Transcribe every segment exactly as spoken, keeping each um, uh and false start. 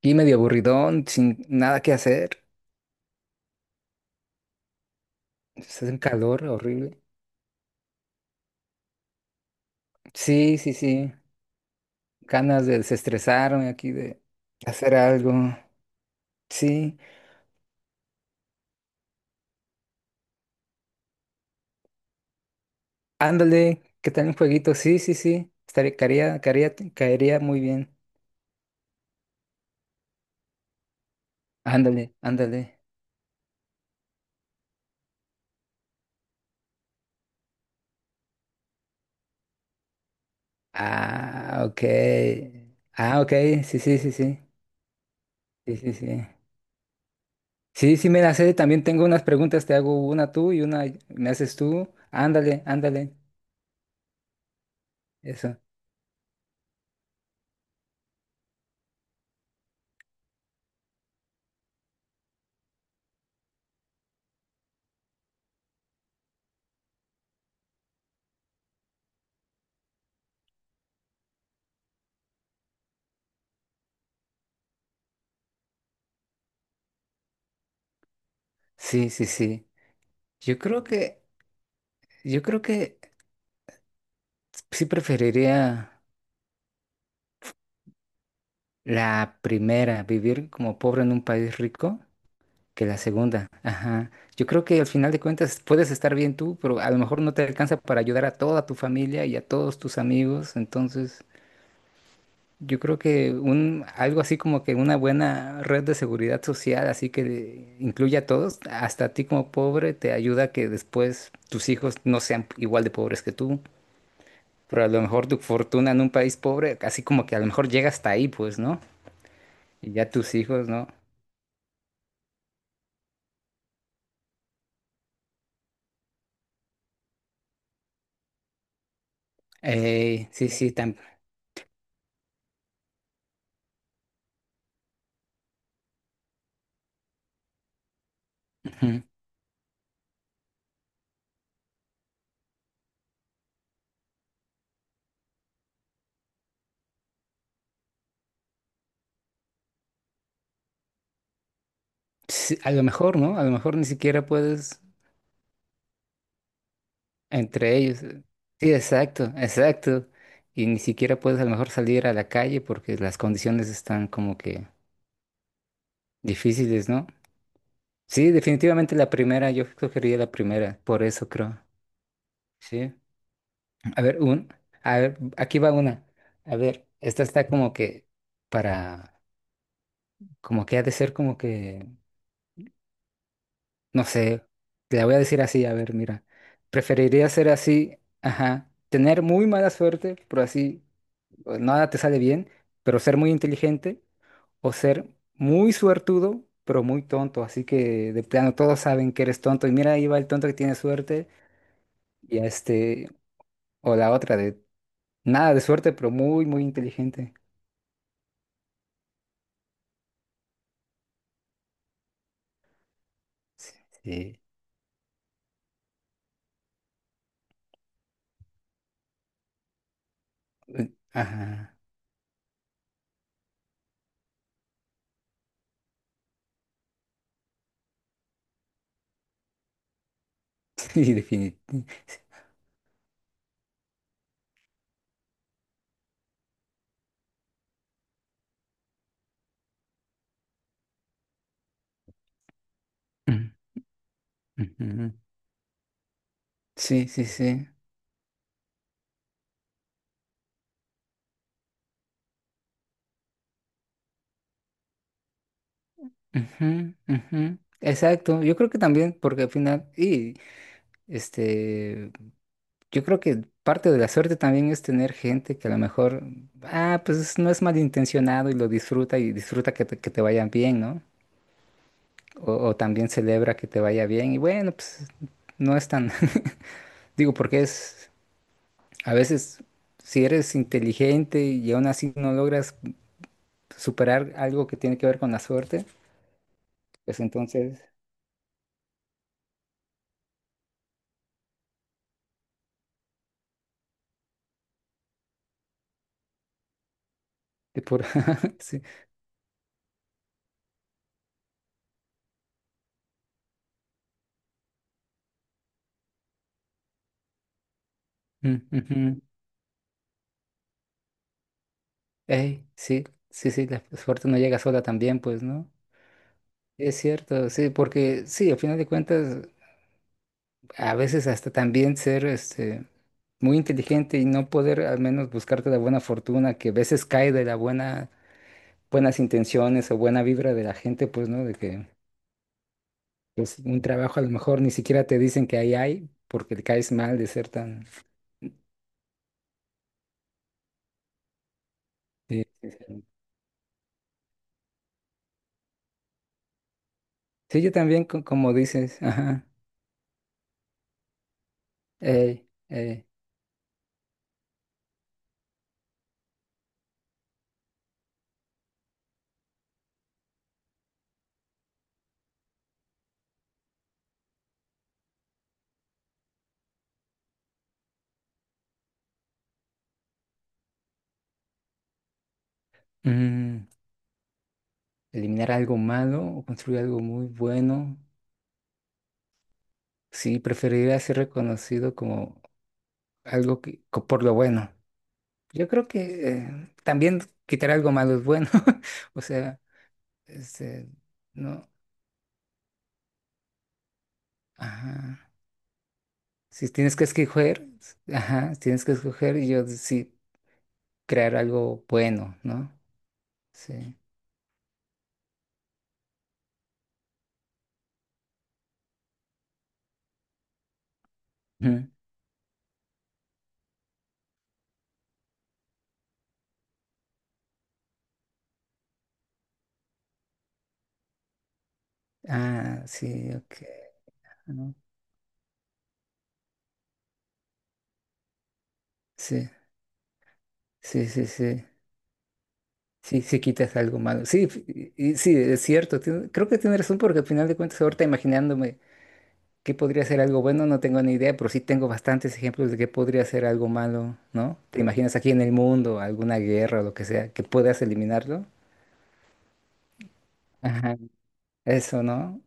Y medio aburridón, sin nada que hacer. Hace un calor horrible. Sí, sí, sí. Ganas de desestresarme aquí, de hacer algo. Sí. Ándale, ¿qué tal un jueguito? Sí, sí, sí. Estaría, caería, caería, caería muy bien. Ándale, ándale. Ah, ok. Ah, ok. Sí, sí, sí, sí. Sí, sí, sí. Sí, sí, me la sé. También tengo unas preguntas. Te hago una tú y una me haces tú. Ándale, ándale. Eso. Sí, sí, sí. Yo creo que... Yo creo que sí preferiría la primera, vivir como pobre en un país rico, que la segunda. Ajá. Yo creo que al final de cuentas puedes estar bien tú, pero a lo mejor no te alcanza para ayudar a toda tu familia y a todos tus amigos. Entonces, yo creo que un algo así como que una buena red de seguridad social, así que incluya a todos, hasta a ti como pobre, te ayuda a que después tus hijos no sean igual de pobres que tú. Pero a lo mejor tu fortuna en un país pobre, así como que a lo mejor llega hasta ahí, pues, ¿no? Y ya tus hijos, ¿no? Ey, sí, sí, tam- ujú. Sí, a lo mejor, ¿no? A lo mejor ni siquiera puedes entre ellos. eh. Sí, exacto, exacto. Y ni siquiera puedes a lo mejor salir a la calle porque las condiciones están como que difíciles, ¿no? Sí, definitivamente la primera, yo escogería la primera, por eso creo. Sí. A ver, un, a ver, aquí va una. A ver, esta está como que para. Como que ha de ser como que, no sé, te la voy a decir así, a ver, mira, preferiría ser así, ajá, tener muy mala suerte, pero así o nada te sale bien, pero ser muy inteligente, o ser muy suertudo, pero muy tonto, así que de plano todos saben que eres tonto, y mira, ahí va el tonto que tiene suerte, y este, o la otra de nada de suerte, pero muy, muy inteligente. Sí. Sí, ajá. Sí, definitivamente. Sí, ujú. Sí, sí, sí. Ujú, ujú. Exacto, yo creo que también, porque al final, y este, yo creo que parte de la suerte también es tener gente que a lo mejor, ah, pues no es malintencionado y lo disfruta y disfruta que te, que te vayan bien, ¿no? O, o también celebra que te vaya bien y bueno, pues no es tan, digo, porque es, a veces, si eres inteligente y aún así no logras superar algo que tiene que ver con la suerte, pues entonces, de por, sí. Ey, sí, sí, sí, la suerte no llega sola también, pues, ¿no? Es cierto, sí, porque sí, al final de cuentas, a veces hasta también ser este, muy inteligente y no poder al menos buscarte la buena fortuna, que a veces cae de la buena, buenas intenciones o buena vibra de la gente, pues, ¿no? De que pues, un trabajo a lo mejor ni siquiera te dicen que ahí hay, porque te caes mal de ser tan... Sí, sí, sí. Sí, yo también, co- como dices, ajá, ey, ey, ujú. Eliminar algo malo o construir algo muy bueno. Sí, preferiría ser reconocido como algo que, co- por lo bueno. Yo creo que eh, también quitar algo malo es bueno. O sea, este, no, ajá. Si tienes que escoger, ajá, si tienes que escoger y yo sí crear algo bueno, ¿no? Sí. Ujú. Ah, sí, ok. ¿No? Sí, sí, sí, sí. Sí, sí quitas algo malo. Sí, f- y- sí, es cierto. Tiene- creo que tienes razón porque al final de cuentas ahorita imaginándome qué podría ser algo bueno, no tengo ni idea, pero sí tengo bastantes ejemplos de qué podría ser algo malo, ¿no? ¿Te imaginas aquí en el mundo, alguna guerra o lo que sea, que puedas eliminarlo? Ajá. Eso, ¿no?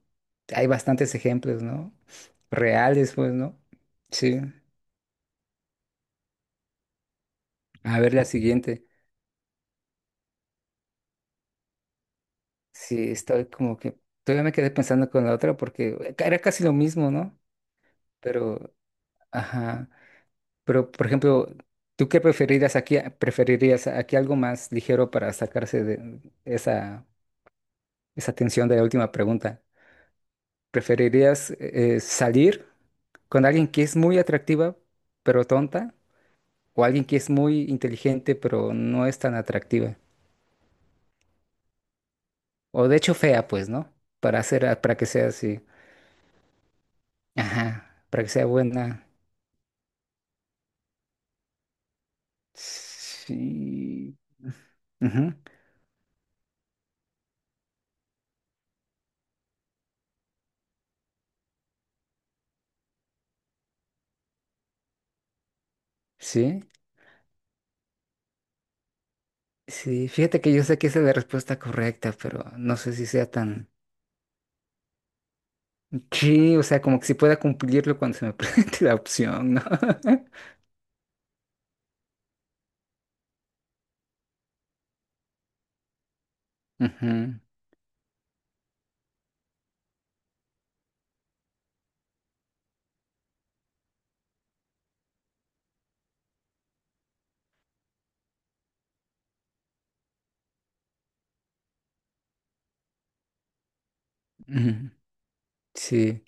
Hay bastantes ejemplos, ¿no? Reales, pues, ¿no? Sí. A ver la siguiente. Sí, estoy como que... Todavía me quedé pensando con la otra porque eh, era casi lo mismo, ¿no? Pero, ajá. Pero, por ejemplo, ¿tú qué preferirías aquí? ¿Preferirías aquí algo más ligero para sacarse de esa, esa tensión de la última pregunta? ¿Preferirías eh, salir con alguien que es muy atractiva pero tonta? ¿O alguien que es muy inteligente pero no es tan atractiva? O de hecho fea, pues, ¿no? Para hacer, a- para que sea así. Ajá, para que sea buena. Sí. Ujú, sí. Sí, fíjate que yo sé que esa es la respuesta correcta, pero no sé si sea tan... Sí, o sea, como que si pueda cumplirlo cuando se me presente la opción, ¿no? Ujú, ujú. Sí,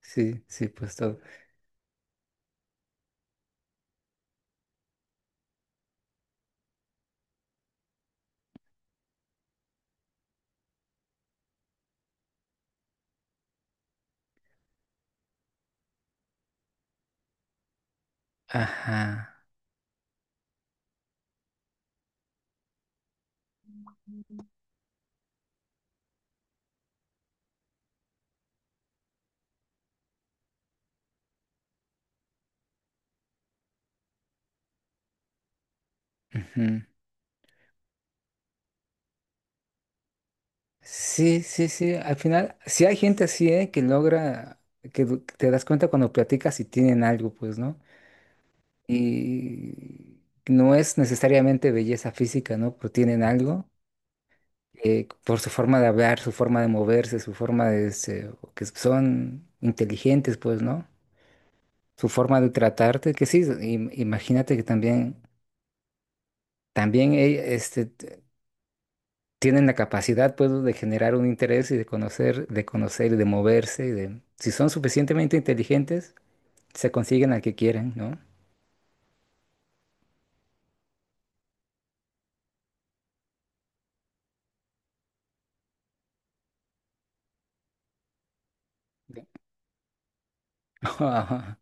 sí, sí, pues todo. Ajá. Ujú. Sí, sí, sí. Al final, sí hay gente así, ¿eh? Que logra, que du- que te das cuenta cuando platicas si tienen algo, pues, ¿no? Y no es necesariamente belleza física, ¿no? Pero tienen algo. Eh, por su forma de hablar, su forma de moverse, su forma de... este, o que son inteligentes, pues, ¿no? Su forma de tratarte, que sí, im- imagínate que también, también eh, este, t- tienen la capacidad pues, de generar un interés y de conocer, de conocer y de moverse. Y de, si son suficientemente inteligentes, se consiguen al que quieren, ¿no?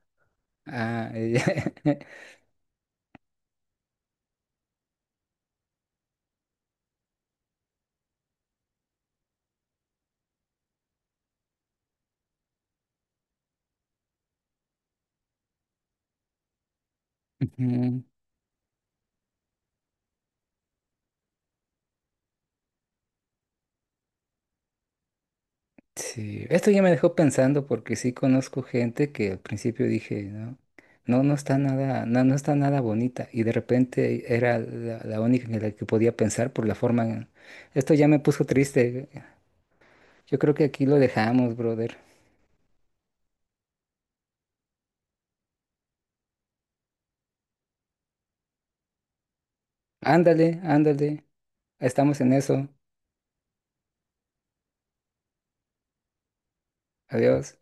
Ah, ya. Sí, esto ya me dejó pensando porque sí conozco gente que al principio dije, no, no, no está nada, no, no está nada bonita y de repente era la, la única en la que podía pensar por la forma. en- Esto ya me puso triste. Yo creo que aquí lo dejamos, brother. Ándale, ándale, estamos en eso. Adiós.